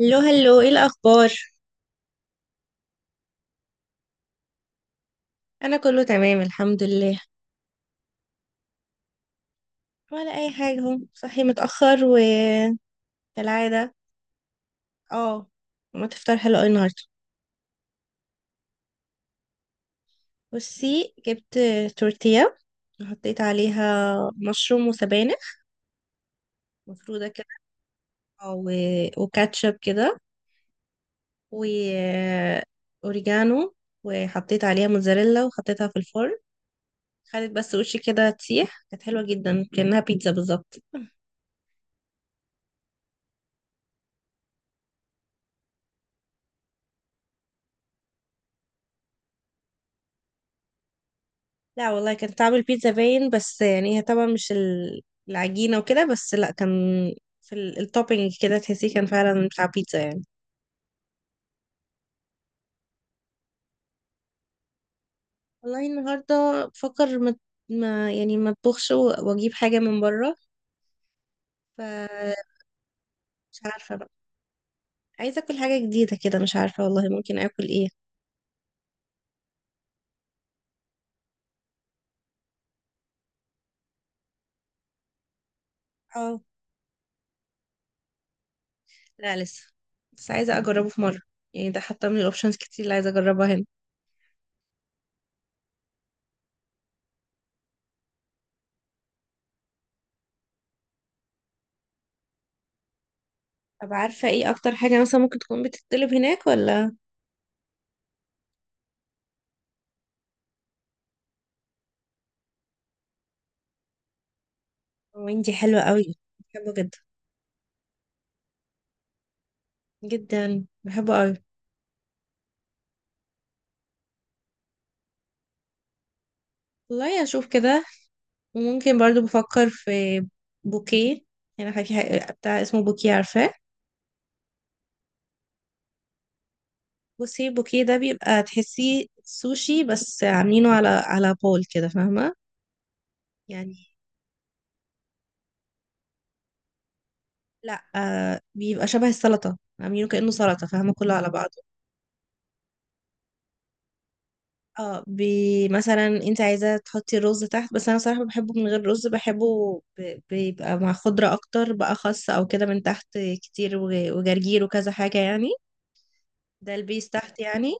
هلو هلو، ايه الاخبار؟ انا كله تمام الحمد لله. ولا اي حاجه، اهو صحي متاخر وكالعاده. اه. ما تفطر حلو أوي النهارده. بصي، جبت تورتيه، وحطيت عليها مشروم وسبانخ، مفروده كده. آه، و... وكاتشب كده، واوريجانو، وحطيت عليها موتزاريلا، وحطيتها في الفرن. خدت بس وشي كده تسيح، كانت حلوه جدا كأنها بيتزا بالظبط. لا والله، كان طعم البيتزا باين، بس يعني هي طبعا مش العجينة وكده، بس لا، كان في التوبينج كده، تحسيه كان فعلا بتاع بيتزا يعني. والله النهاردة بفكر، يعني ما اطبخش واجيب حاجة من بره. فمش، عارفة بقى عايزة اكل حاجة جديدة كده، مش عارفة والله ممكن اكل ايه. اه، لا لسه، بس عايزة اجربه في مرة، يعني ده حاطة من الاوبشنز كتير اللي عايزة اجربها هنا. طب عارفة ايه اكتر حاجة مثلا ممكن تكون بتطلب هناك، ولا؟ ويندي حلوة قوي. بحبه جدا جدا، بحبه قوي. والله اشوف كده. وممكن برضو بفكر في بوكيه، يعني بتاع اسمه بوكيه، عارفاه؟ بصي، البوكيه ده بيبقى تحسيه سوشي، بس عاملينه على بول كده، فاهمه؟ يعني لا، بيبقى شبه السلطه، عاملينه كانه سلطه، فاهمه؟ كله على بعضه. اه، مثلا انت عايزه تحطي الرز تحت، بس انا صراحه بحبه من غير رز، بحبه بيبقى مع خضره اكتر بقى، خس او كده من تحت كتير وجرجير وكذا حاجه يعني، ده البيس تحت يعني.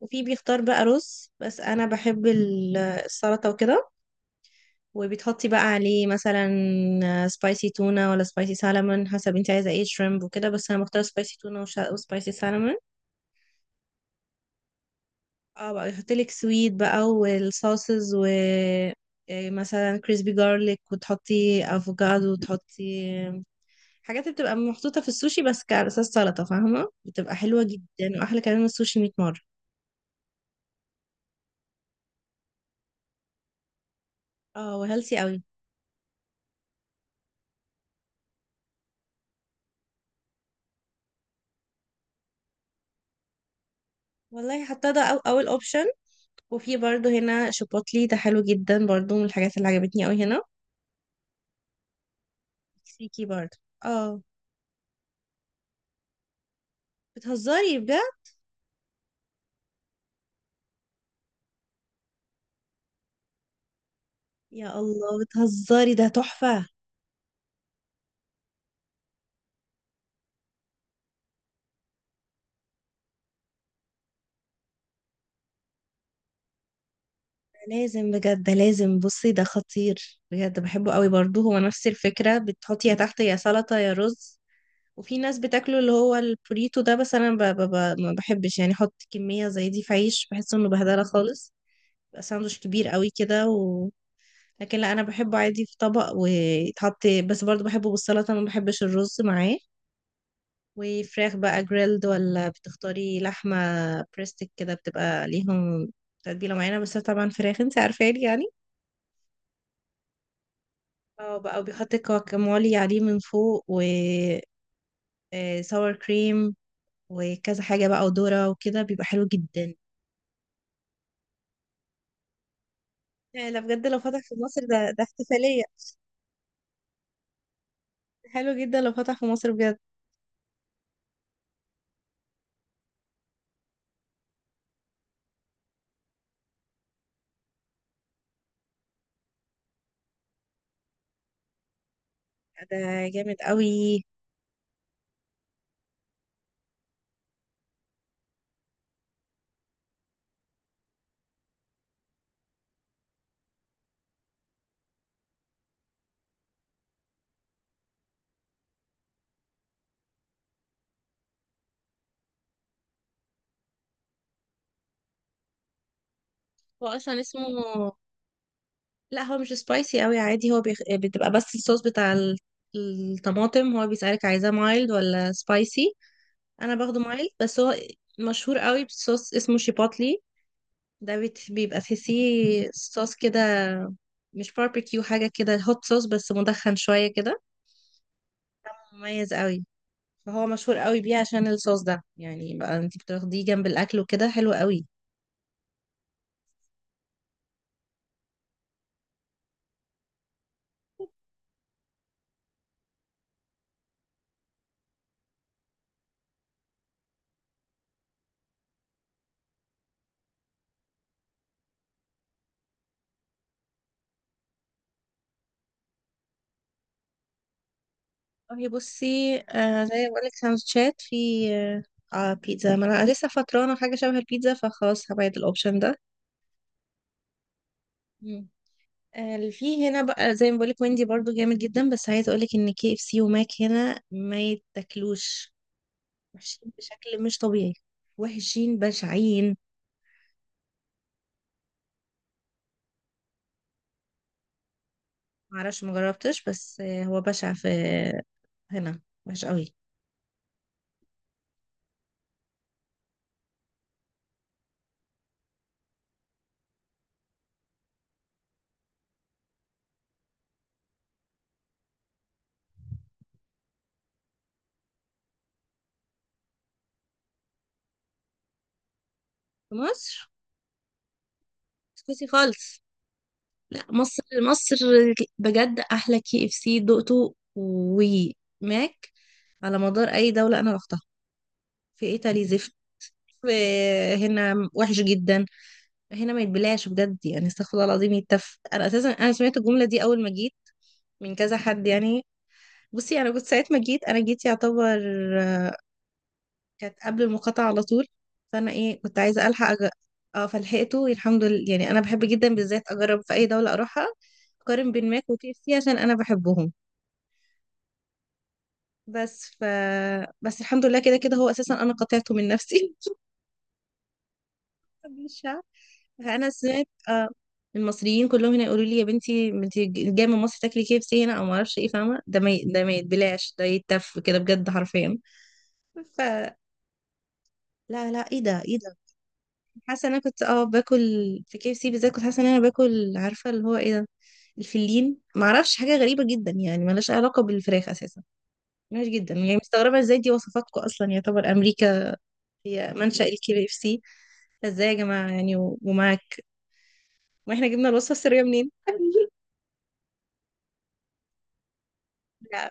وفي بيختار بقى رز، بس انا بحب السلطه وكده. وبتحطي بقى عليه مثلا سبايسي تونه ولا سبايسي سالمون، حسب انت عايزه ايه، شريمب وكده، بس انا بختار سبايسي تونه وسبايسي سالمون. اه بقى، يحطلك سويت بقى والصوصز، و إيه، مثلا كريسبي جارليك، وتحطي افوكادو، وتحطي حاجات اللي بتبقى محطوطه في السوشي بس على اساس سلطه، فاهمه، بتبقى حلوه جدا، واحلى كمان من السوشي 100 مره. اه، وهيلثي قوي. والله، حتى ده اول اوبشن. وفي برضو هنا شيبوتلي ده حلو جدا برضو، من الحاجات اللي عجبتني قوي هنا. مكسيكي برضو، اه. بتهزري بجد؟ يا الله، بتهزري؟ ده تحفة. لازم بجد، ده لازم، بصي ده خطير بجد، بحبه قوي برضو. هو نفس الفكرة، بتحطي يا تحت يا سلطة يا رز. وفي ناس بتاكله اللي هو البوريتو ده، بس انا ما بحبش يعني احط كمية زي دي في عيش، بحس انه بهدلة خالص. بيبقى ساندوتش كبير قوي كده. لكن لا، انا بحبه عادي في طبق ويتحط، بس برضو بحبه بالسلطه، ما بحبش الرز معاه. وفراخ بقى جريلد، ولا بتختاري لحمه بريستك كده بتبقى ليهم تتبيله معينه، بس طبعا فراخ، انت عارفاني يعني. اه بقى، وبيحط كواكامولي عليه من فوق و ساور كريم، وكذا حاجه بقى، وذره وكده، بيبقى حلو جدا. يعني لا بجد، لو فتح في مصر، ده احتفاليه. حلو جدا لو فتح في مصر بجد، ده جامد قوي. هو اصلا اسمه، لا هو مش سبايسي قوي، عادي. هو بتبقى بس الصوص بتاع الطماطم، هو بيسألك عايزاه مايلد ولا سبايسي. انا باخده مايلد، بس هو مشهور قوي بصوص اسمه شيباتلي، ده بيبقى تحسيه صوص كده، مش باربيكيو، حاجة كده هوت صوص بس مدخن شوية كده، مميز قوي. فهو مشهور قوي بيه عشان الصوص ده، يعني بقى انت بتاخديه جنب الاكل وكده، حلو قوي. هي بصي، زي ما بقولك سندوتشات في. آه بيتزا، ما انا لسه فطرانه حاجه شبه البيتزا فخلاص هبعد الاوبشن ده. مم. اللي في هنا بقى زي ما بقولك ويندي برضو جامد جدا، بس عايزه اقولك ان كي اف سي وماك هنا ما يتاكلوش، وحشين بشكل مش طبيعي، وحشين بشعين. معرفش، مجربتش، بس هو بشع في هنا، وحش قوي. في مصر، اسكتي خالص. لا مصر، مصر بجد احلى كي اف سي دقته وماك على مدار اي دولة انا رحتها. في ايطالي، زفت. في هنا وحش جدا، هنا ما يتبلعش بجد يعني، استغفر الله العظيم، يتف. انا اساسا سمعت الجملة دي اول ما جيت، من كذا حد يعني. بصي، انا كنت ساعة ما جيت، انا جيت يعتبر كانت قبل المقاطعة على طول. فانا ايه، كنت عايزة الحق. اه، فلحقته الحمد لله يعني، انا بحب جدا بالذات اجرب في اي دولة اروحها، اقارن بين ماك وكي اف سي عشان انا بحبهم. بس ف بس، الحمد لله، كده كده هو اساسا انا قطعته من نفسي. قبل الشعب. فانا سمعت المصريين كلهم هنا يقولوا لي يا بنتي، انت جايه من مصر تاكلي كي اف سي هنا، او ما اعرفش ايه، فاهمه ده ما يتبلاش، ده يتف كده بجد حرفيا. ف، لا لا، ايه ده ايه ده. حاسه إن انا كنت باكل في كي اف سي بالذات، كنت حاسه ان انا باكل عارفه اللي هو ايه، ده الفلين، ما اعرفش، حاجه غريبه جدا يعني. ملهاش أي علاقه بالفراخ اساسا، ملهاش جدا يعني، مستغربه ازاي دي وصفاتكم اصلا، يعتبر امريكا هي منشأ الكي اف سي. ازاي يا جماعة يعني، ومعاك. ما احنا جبنا الوصفة السرية منين؟ لا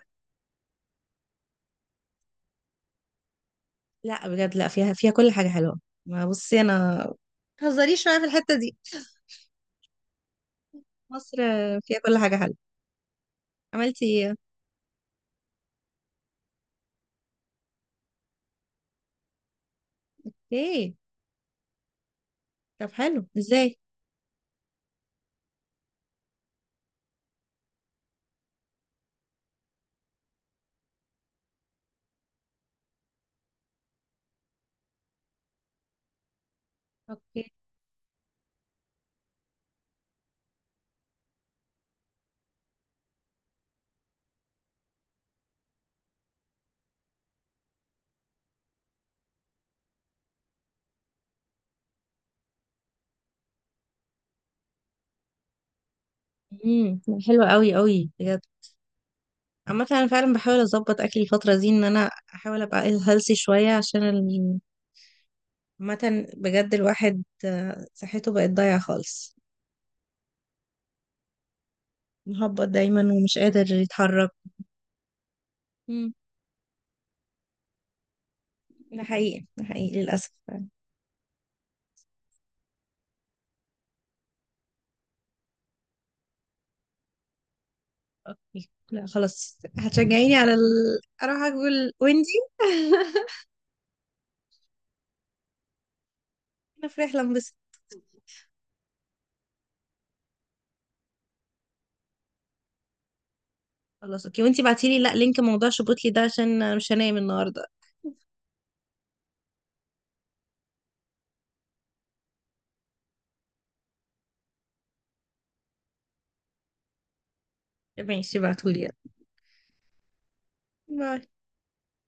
لا بجد، لا فيها كل حاجة حلوة. ما بصي، انا متهزريش معايا في الحتة دي. مصر فيها كل حاجة حلوة. عملتي ايه؟ ايه؟ طب حلو ازاي. اوكي. امم حلوة قوي قوي بجد. عامة انا فعلا بحاول اظبط اكلي الفترة دي، ان انا احاول ابقى هيلثي شوية عامة بجد الواحد، صحته بقت ضايعة خالص، مهبط دايما ومش قادر يتحرك. ده حقيقي، ده حقيقي للأسف فعلا. اوكي لا، خلاص هتشجعيني أروح أقول ويندي. أنا في رحلة، انبسط. خلاص اوكي، وانتي بعتيلي لا، لينك موضوع شبوتلي ده عشان انا مش هنام النهارده. ماشي، بعتولي يلا. باي.